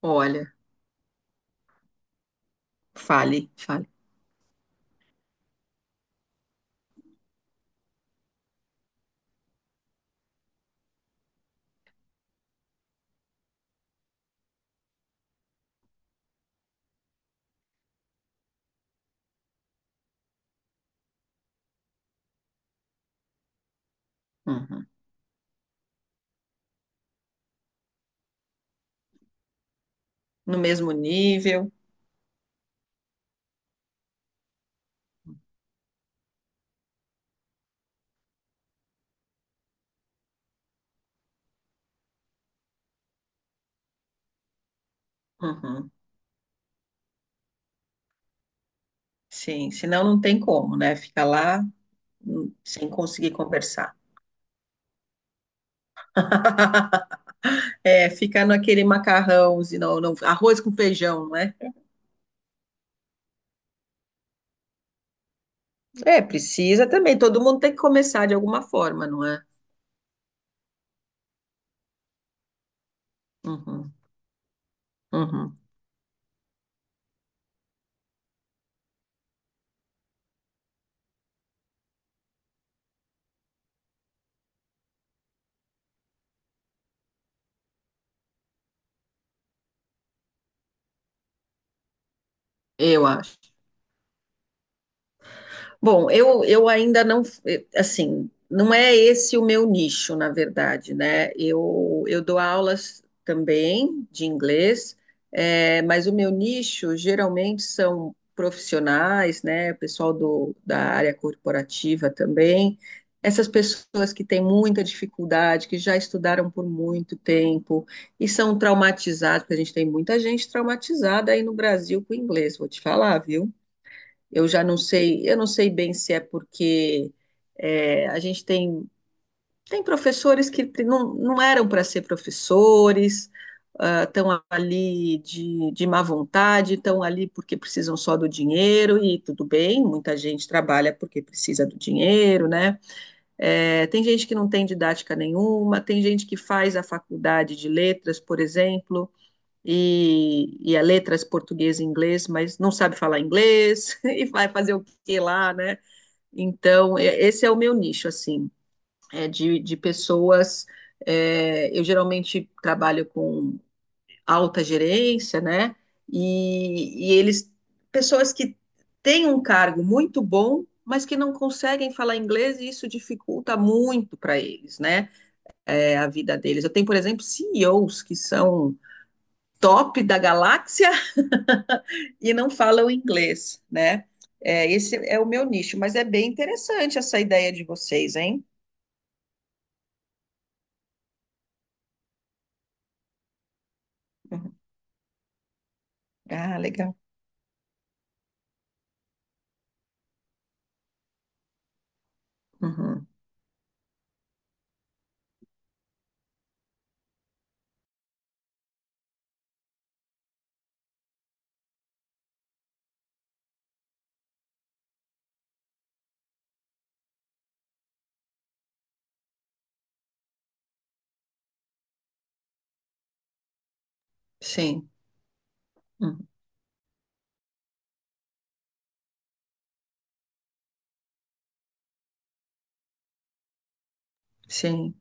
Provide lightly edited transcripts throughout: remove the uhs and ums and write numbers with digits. Olha, fale, fale. Uhum. No mesmo nível. Uhum. Sim, senão não tem como, né? Fica lá sem conseguir conversar. É, ficar naquele macarrão, senão, não, arroz com feijão, não é? É, precisa também. Todo mundo tem que começar de alguma forma, não é? Uhum, uhum. Eu acho. Bom, eu ainda não, assim, não é esse o meu nicho, na verdade, né? Eu dou aulas também de inglês, é, mas o meu nicho geralmente são profissionais, né? Pessoal da área corporativa também. Essas pessoas que têm muita dificuldade, que já estudaram por muito tempo e são traumatizados, porque a gente tem muita gente traumatizada aí no Brasil com o inglês, vou te falar, viu? Eu já não sei, eu não sei bem se é porque é, a gente tem, tem professores que não eram para ser professores, estão ali de má vontade, estão ali porque precisam só do dinheiro, e tudo bem, muita gente trabalha porque precisa do dinheiro, né? É, tem gente que não tem didática nenhuma, tem gente que faz a faculdade de letras, por exemplo, e a letras português e inglês, mas não sabe falar inglês e vai fazer o que lá, né? Então, esse é o meu nicho, assim, é de pessoas. É, eu geralmente trabalho com alta gerência, né? E eles, pessoas que têm um cargo muito bom, mas que não conseguem falar inglês e isso dificulta muito para eles, né? É a vida deles. Eu tenho, por exemplo, CEOs que são top da galáxia e não falam inglês, né? É, esse é o meu nicho, mas é bem interessante essa ideia de vocês, hein? Uhum. Ah, legal. Uhum. Sim. Uhum. Sim.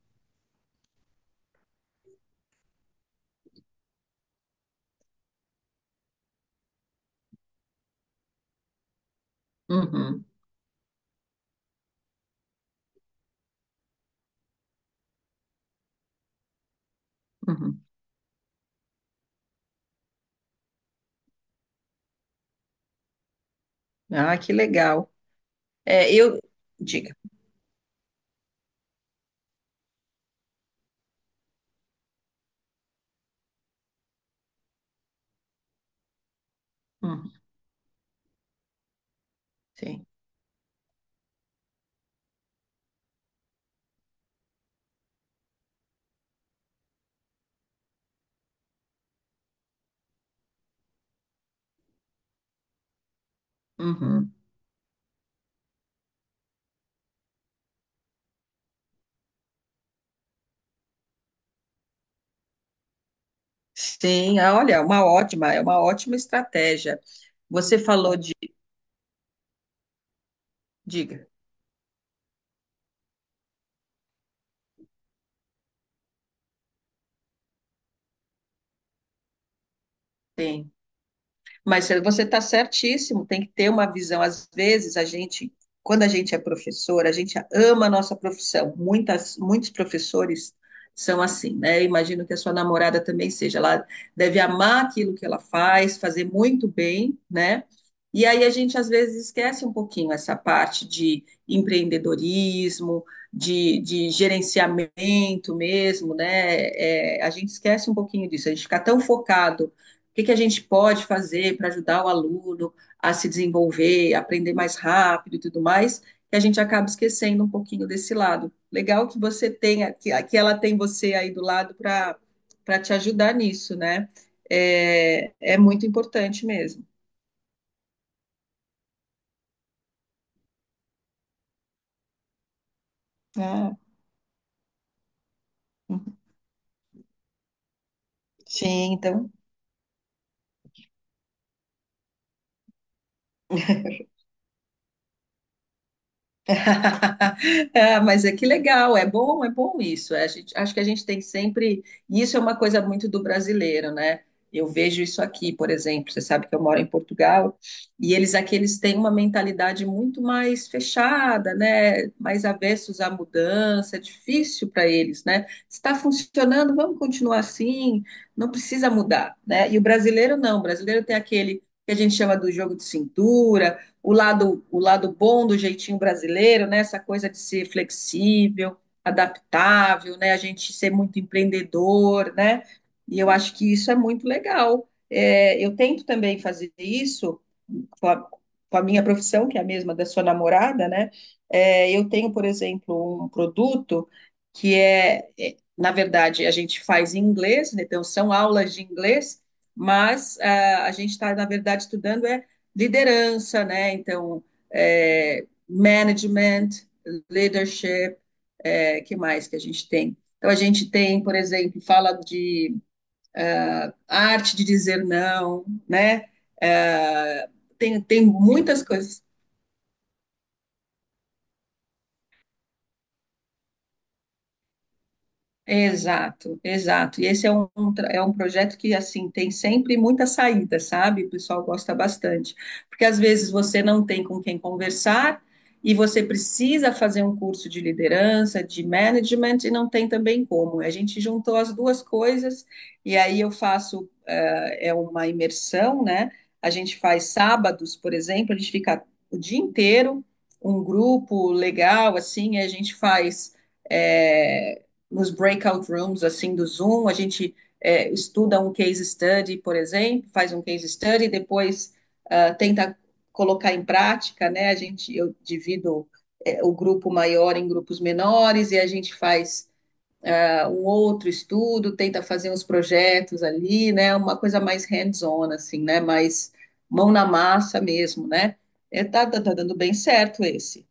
Uhum. Uhum. Ah, que legal. É, eu. Diga. Uhum. Sim. Uhum. Sim, ah, olha, uma ótima, é uma ótima estratégia. Você falou de. Diga. Sim. Mas você está certíssimo, tem que ter uma visão. Às vezes, a gente, quando a gente é professor, a gente ama a nossa profissão. Muitos professores são assim, né? Imagino que a sua namorada também seja. Ela deve amar aquilo que ela faz, fazer muito bem, né? E aí a gente às vezes esquece um pouquinho essa parte de empreendedorismo, de gerenciamento mesmo, né? É, a gente esquece um pouquinho disso, a gente fica tão focado o que, que a gente pode fazer para ajudar o aluno a se desenvolver, aprender mais rápido e tudo mais, que a gente acaba esquecendo um pouquinho desse lado. Legal que você tenha, que ela tem você aí do lado para para te ajudar nisso, né? É, é muito importante mesmo. Ah, sim, então. É, mas é que legal, é bom isso. É, acho que a gente tem sempre. E isso é uma coisa muito do brasileiro, né? Eu vejo isso aqui, por exemplo. Você sabe que eu moro em Portugal e eles aqui eles têm uma mentalidade muito mais fechada, né? Mais avessos à mudança. É difícil para eles, né? Está funcionando, vamos continuar assim. Não precisa mudar, né? E o brasileiro não. O brasileiro tem aquele que a gente chama do jogo de cintura, o lado bom do jeitinho brasileiro, né? Essa coisa de ser flexível, adaptável, né? A gente ser muito empreendedor, né? E eu acho que isso é muito legal. É, eu tento também fazer isso com a, com a minha profissão, que é a mesma da sua namorada, né? É, eu tenho, por exemplo, um produto que é, é, na verdade, a gente faz em inglês, né? Então são aulas de inglês, mas ah, a gente está, na verdade, estudando é liderança, né? Então, é, management, leadership, é, que mais que a gente tem? Então, a gente tem, por exemplo, fala de arte de dizer não, né? É, tem muitas coisas. Exato, exato. E esse é um, é um projeto que, assim, tem sempre muita saída, sabe? O pessoal gosta bastante. Porque às vezes você não tem com quem conversar e você precisa fazer um curso de liderança, de management, e não tem também como. A gente juntou as duas coisas e aí eu faço, é uma imersão, né? A gente faz sábados, por exemplo, a gente fica o dia inteiro, um grupo legal, assim, e a gente faz. eh, nos breakout rooms assim do Zoom, a gente é, estuda um case study, por exemplo, faz um case study, depois tenta colocar em prática, né? A gente eu divido é, o grupo maior em grupos menores e a gente faz um outro estudo, tenta fazer uns projetos ali, né? Uma coisa mais hands-on assim, né? Mais mão na massa mesmo, né? É, tá dando bem certo esse.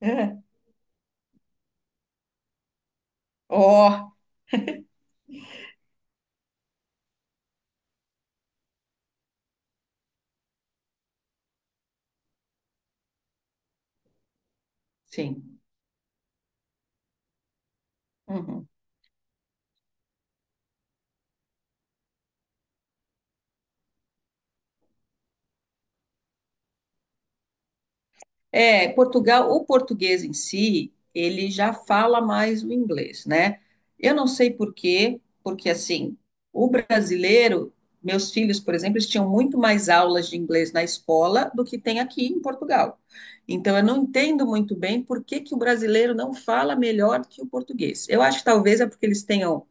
É. Ó, sim. Uhum. É, Portugal, o português em si, ele já fala mais o inglês, né? Eu não sei por quê, porque assim, o brasileiro, meus filhos, por exemplo, eles tinham muito mais aulas de inglês na escola do que tem aqui em Portugal. Então, eu não entendo muito bem por que que o brasileiro não fala melhor que o português. Eu acho que talvez é porque eles tenham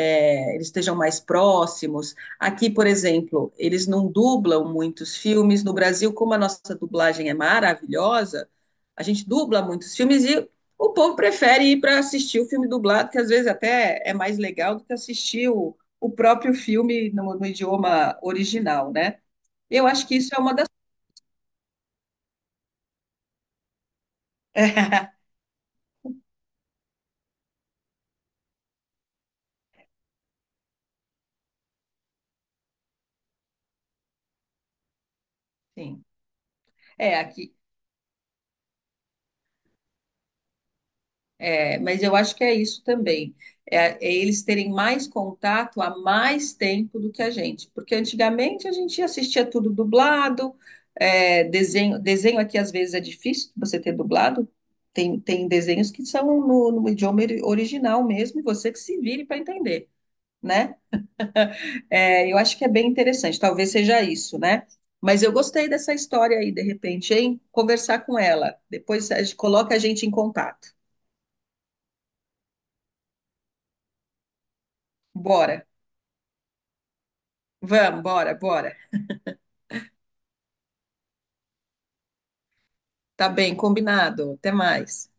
é, eles estejam mais próximos. Aqui, por exemplo, eles não dublam muitos filmes. No Brasil, como a nossa dublagem é maravilhosa, a gente dubla muitos filmes e o povo prefere ir para assistir o filme dublado, que às vezes até é mais legal do que assistir o próprio filme no idioma original, né? Eu acho que isso é uma das. Sim. É, aqui, é, mas eu acho que é isso também. É, é eles terem mais contato há mais tempo do que a gente. Porque antigamente a gente assistia tudo dublado, é, desenho, desenho aqui às vezes é difícil você ter dublado. Tem desenhos que são no idioma original mesmo, e você que se vire para entender, né? É, eu acho que é bem interessante, talvez seja isso, né? Mas eu gostei dessa história aí, de repente, hein? Conversar com ela. Depois a gente coloca a gente em contato. Bora. Vamos, bora, bora. Tá bem, combinado. Até mais.